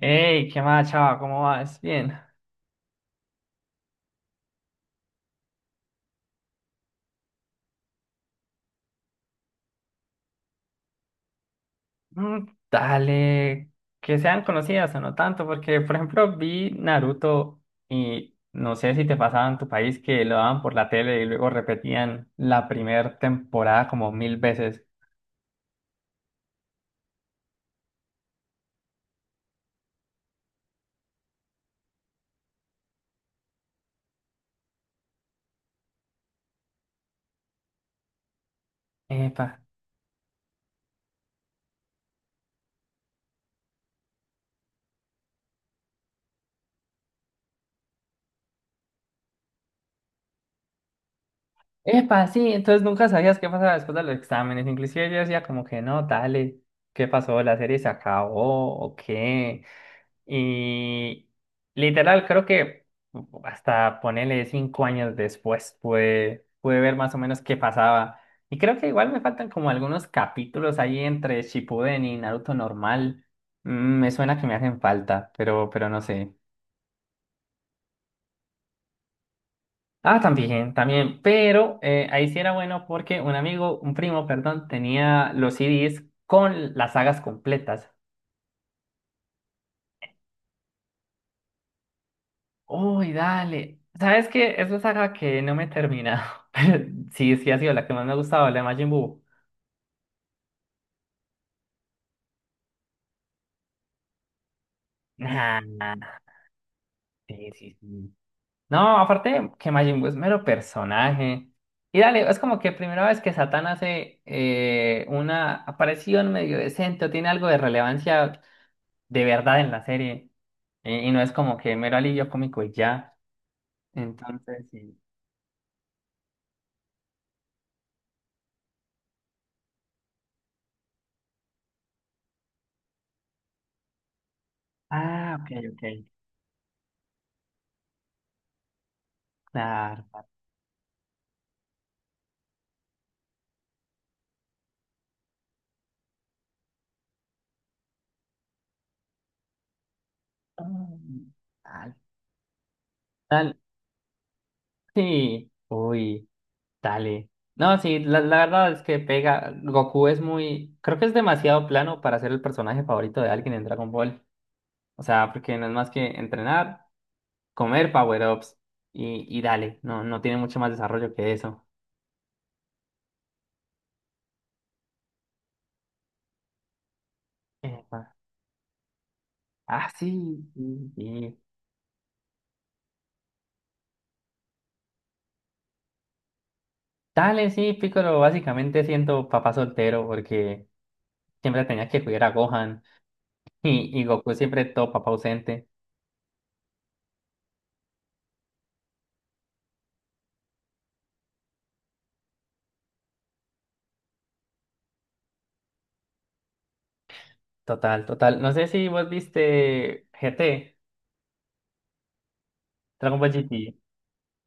Hey, ¿qué más, chava? ¿Cómo vas? Bien. Mm, dale, que sean conocidas o no tanto, porque por ejemplo vi Naruto y no sé si te pasaba en tu país que lo daban por la tele y luego repetían la primera temporada como mil veces. Epa, epa, sí, entonces nunca sabías qué pasaba después de los exámenes. Inclusive yo decía como que no, dale, ¿qué pasó? ¿La serie se acabó o qué? Y literal, creo que hasta ponerle 5 años después pude ver más o menos qué pasaba. Y creo que igual me faltan como algunos capítulos ahí entre Shippuden y Naruto normal. Mm, Me suena que me hacen falta, pero no sé. Ah, también, también. Pero ahí sí era bueno porque un amigo, un primo, perdón, tenía los CDs con las sagas completas. Uy, dale. ¿Sabes qué? Es una saga que no me he terminado. Pero sí, sí ha sido la que más me ha gustado, la de Majin Buu. Nah, Mm, sí, sí, sí. No, aparte que Majin Buu es mero personaje. Y dale, es como que primera vez que Satán hace una aparición medio decente o tiene algo de relevancia de verdad en la serie. Y no es como que mero alivio cómico y ya. Entonces, sí. Ah, ok, ok. Claro. Claro. Mm, dale. Sí, uy, dale. No, sí, la verdad es que pega. Goku es muy. Creo que es demasiado plano para ser el personaje favorito de alguien en Dragon Ball. O sea, porque no es más que entrenar, comer power-ups y dale. No, no tiene mucho más desarrollo que eso. Epa. Ah, sí, sí, sí. Dale, sí, Piccolo, básicamente siento papá soltero porque siempre tenía que cuidar a Gohan y Goku siempre todo papá ausente. Total, total. No sé si vos viste GT. Dragon Ball GT.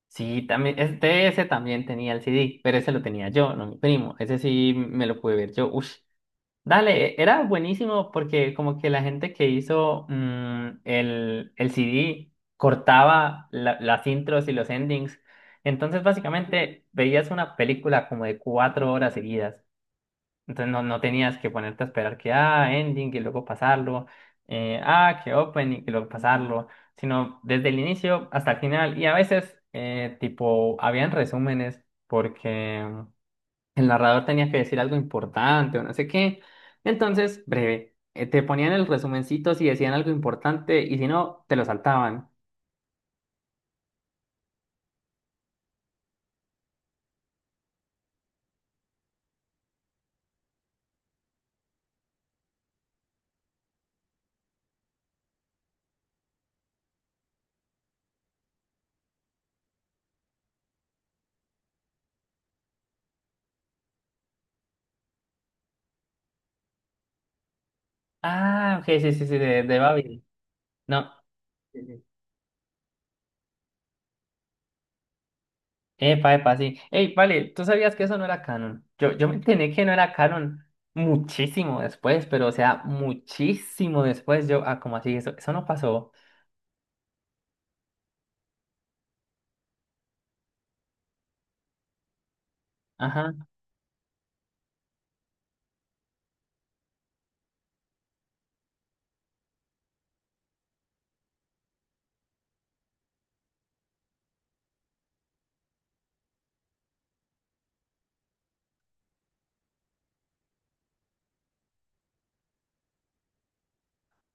Sí, también, este, ese también tenía el CD, pero ese lo tenía yo, no mi primo. Ese sí me lo pude ver yo. Ush. Dale, e, era buenísimo porque como que la gente que hizo el CD cortaba las intros y los endings. Entonces básicamente veías una película como de 4 horas seguidas. Entonces no, no tenías que ponerte a esperar que, ah, ending y luego pasarlo, que opening y que luego pasarlo, sino desde el inicio hasta el final. Y a veces, tipo, habían resúmenes porque el narrador tenía que decir algo importante o no sé qué. Entonces, breve, te ponían el resumencito si decían algo importante y si no, te lo saltaban. Ah, ok, sí, sí, sí, de Babel. No. Epa, epa, sí. Ey, vale, tú sabías que eso no era canon. Yo me enteré que no era canon muchísimo después, pero o sea, muchísimo después. Yo, ah, ¿cómo así? Eso no pasó. Ajá.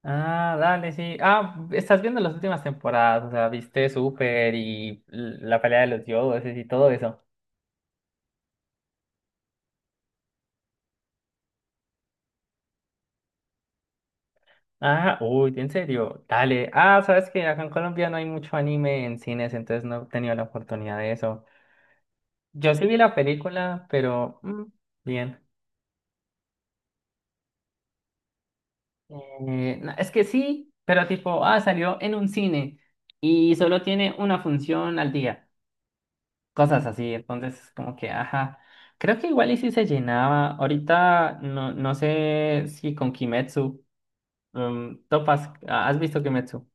Ah, dale, sí. Ah, estás viendo las últimas temporadas, o sea, viste Super y la pelea de los dioses y todo eso. Ah, uy, en serio, dale. Ah, sabes que acá en Colombia no hay mucho anime en cines, entonces no he tenido la oportunidad de eso. Yo sí vi la película, pero bien. No, es que sí, pero tipo, ah, salió en un cine y solo tiene una función al día, cosas así, entonces es como que, ajá, creo que igual y sí se llenaba, ahorita no, no sé si con Kimetsu, topas, ah, ¿has visto Kimetsu?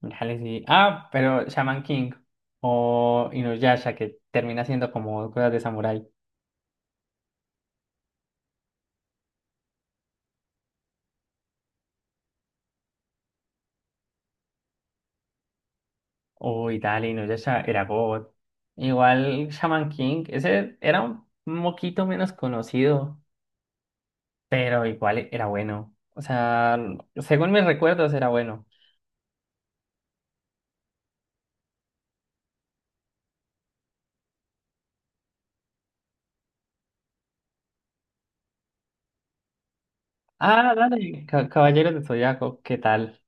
Dale, sí, ah, pero Shaman King o Inuyasha que termina siendo como cosas de samurái, uy, dale, Inuyasha era God, igual Shaman King, ese era un moquito menos conocido. Pero igual era bueno. O sea, según mis recuerdos era bueno. Ah, dale, Caballeros de Zodiaco, ¿qué tal?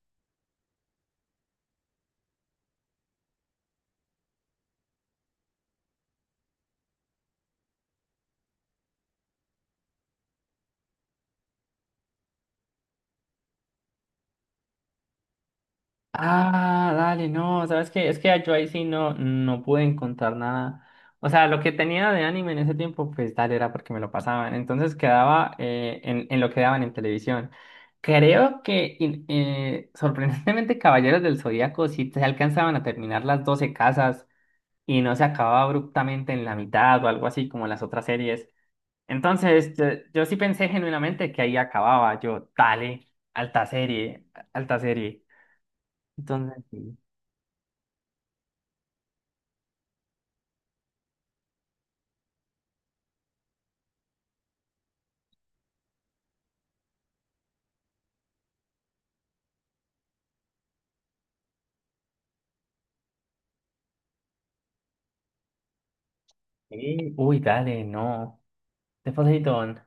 Ah, dale, no, ¿sabes qué? Es que yo ahí sí no, no pude encontrar nada. O sea, lo que tenía de anime en ese tiempo, pues dale, era porque me lo pasaban. Entonces quedaba en, lo que daban en televisión. Creo que sorprendentemente Caballeros del Zodiaco sí se alcanzaban a terminar las 12 casas y no se acababa abruptamente en la mitad o algo así como las otras series. Entonces, yo sí pensé genuinamente que ahí acababa. Yo, dale, alta serie, alta serie. Entonces, sí. Sí, uy, dale, no. De Poseidón.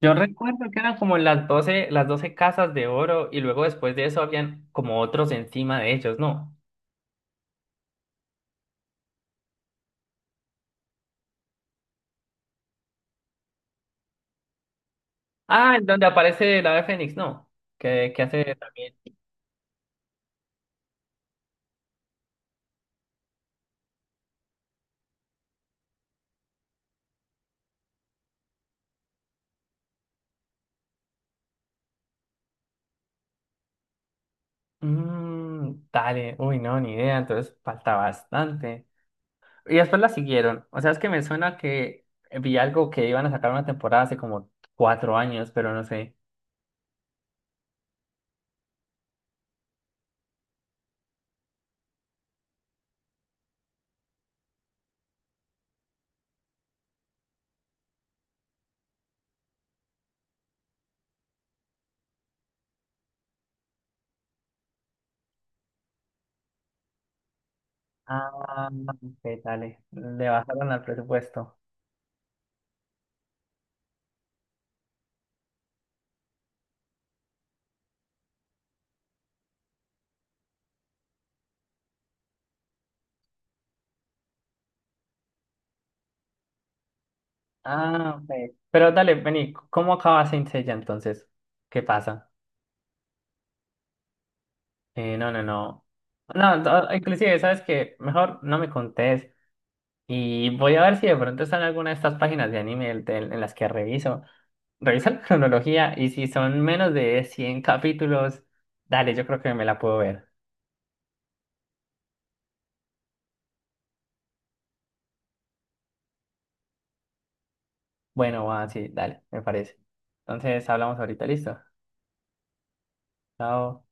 Yo recuerdo que eran como las doce casas de oro y luego después de eso habían como otros encima de ellos, ¿no? Ah, en donde aparece la de Fénix, ¿no? Que hace también. Mm, dale, uy, no, ni idea. Entonces, falta bastante. Y después la siguieron. O sea, es que me suena que vi algo que iban a sacar una temporada hace como 4 años, pero no sé. Ah, ok, dale. Le bajaron al presupuesto. Ah, ok. Pero dale, vení, ¿cómo acaba Saint Seiya entonces? ¿Qué pasa? No, no, no. No, no, inclusive, ¿sabes qué? Mejor no me contés. Y voy a ver si de pronto están alguna de estas páginas de anime en las que reviso. Revisa la cronología y si son menos de 100 capítulos, dale, yo creo que me la puedo ver. Bueno, va, sí, dale, me parece. Entonces hablamos ahorita, listo. Chao.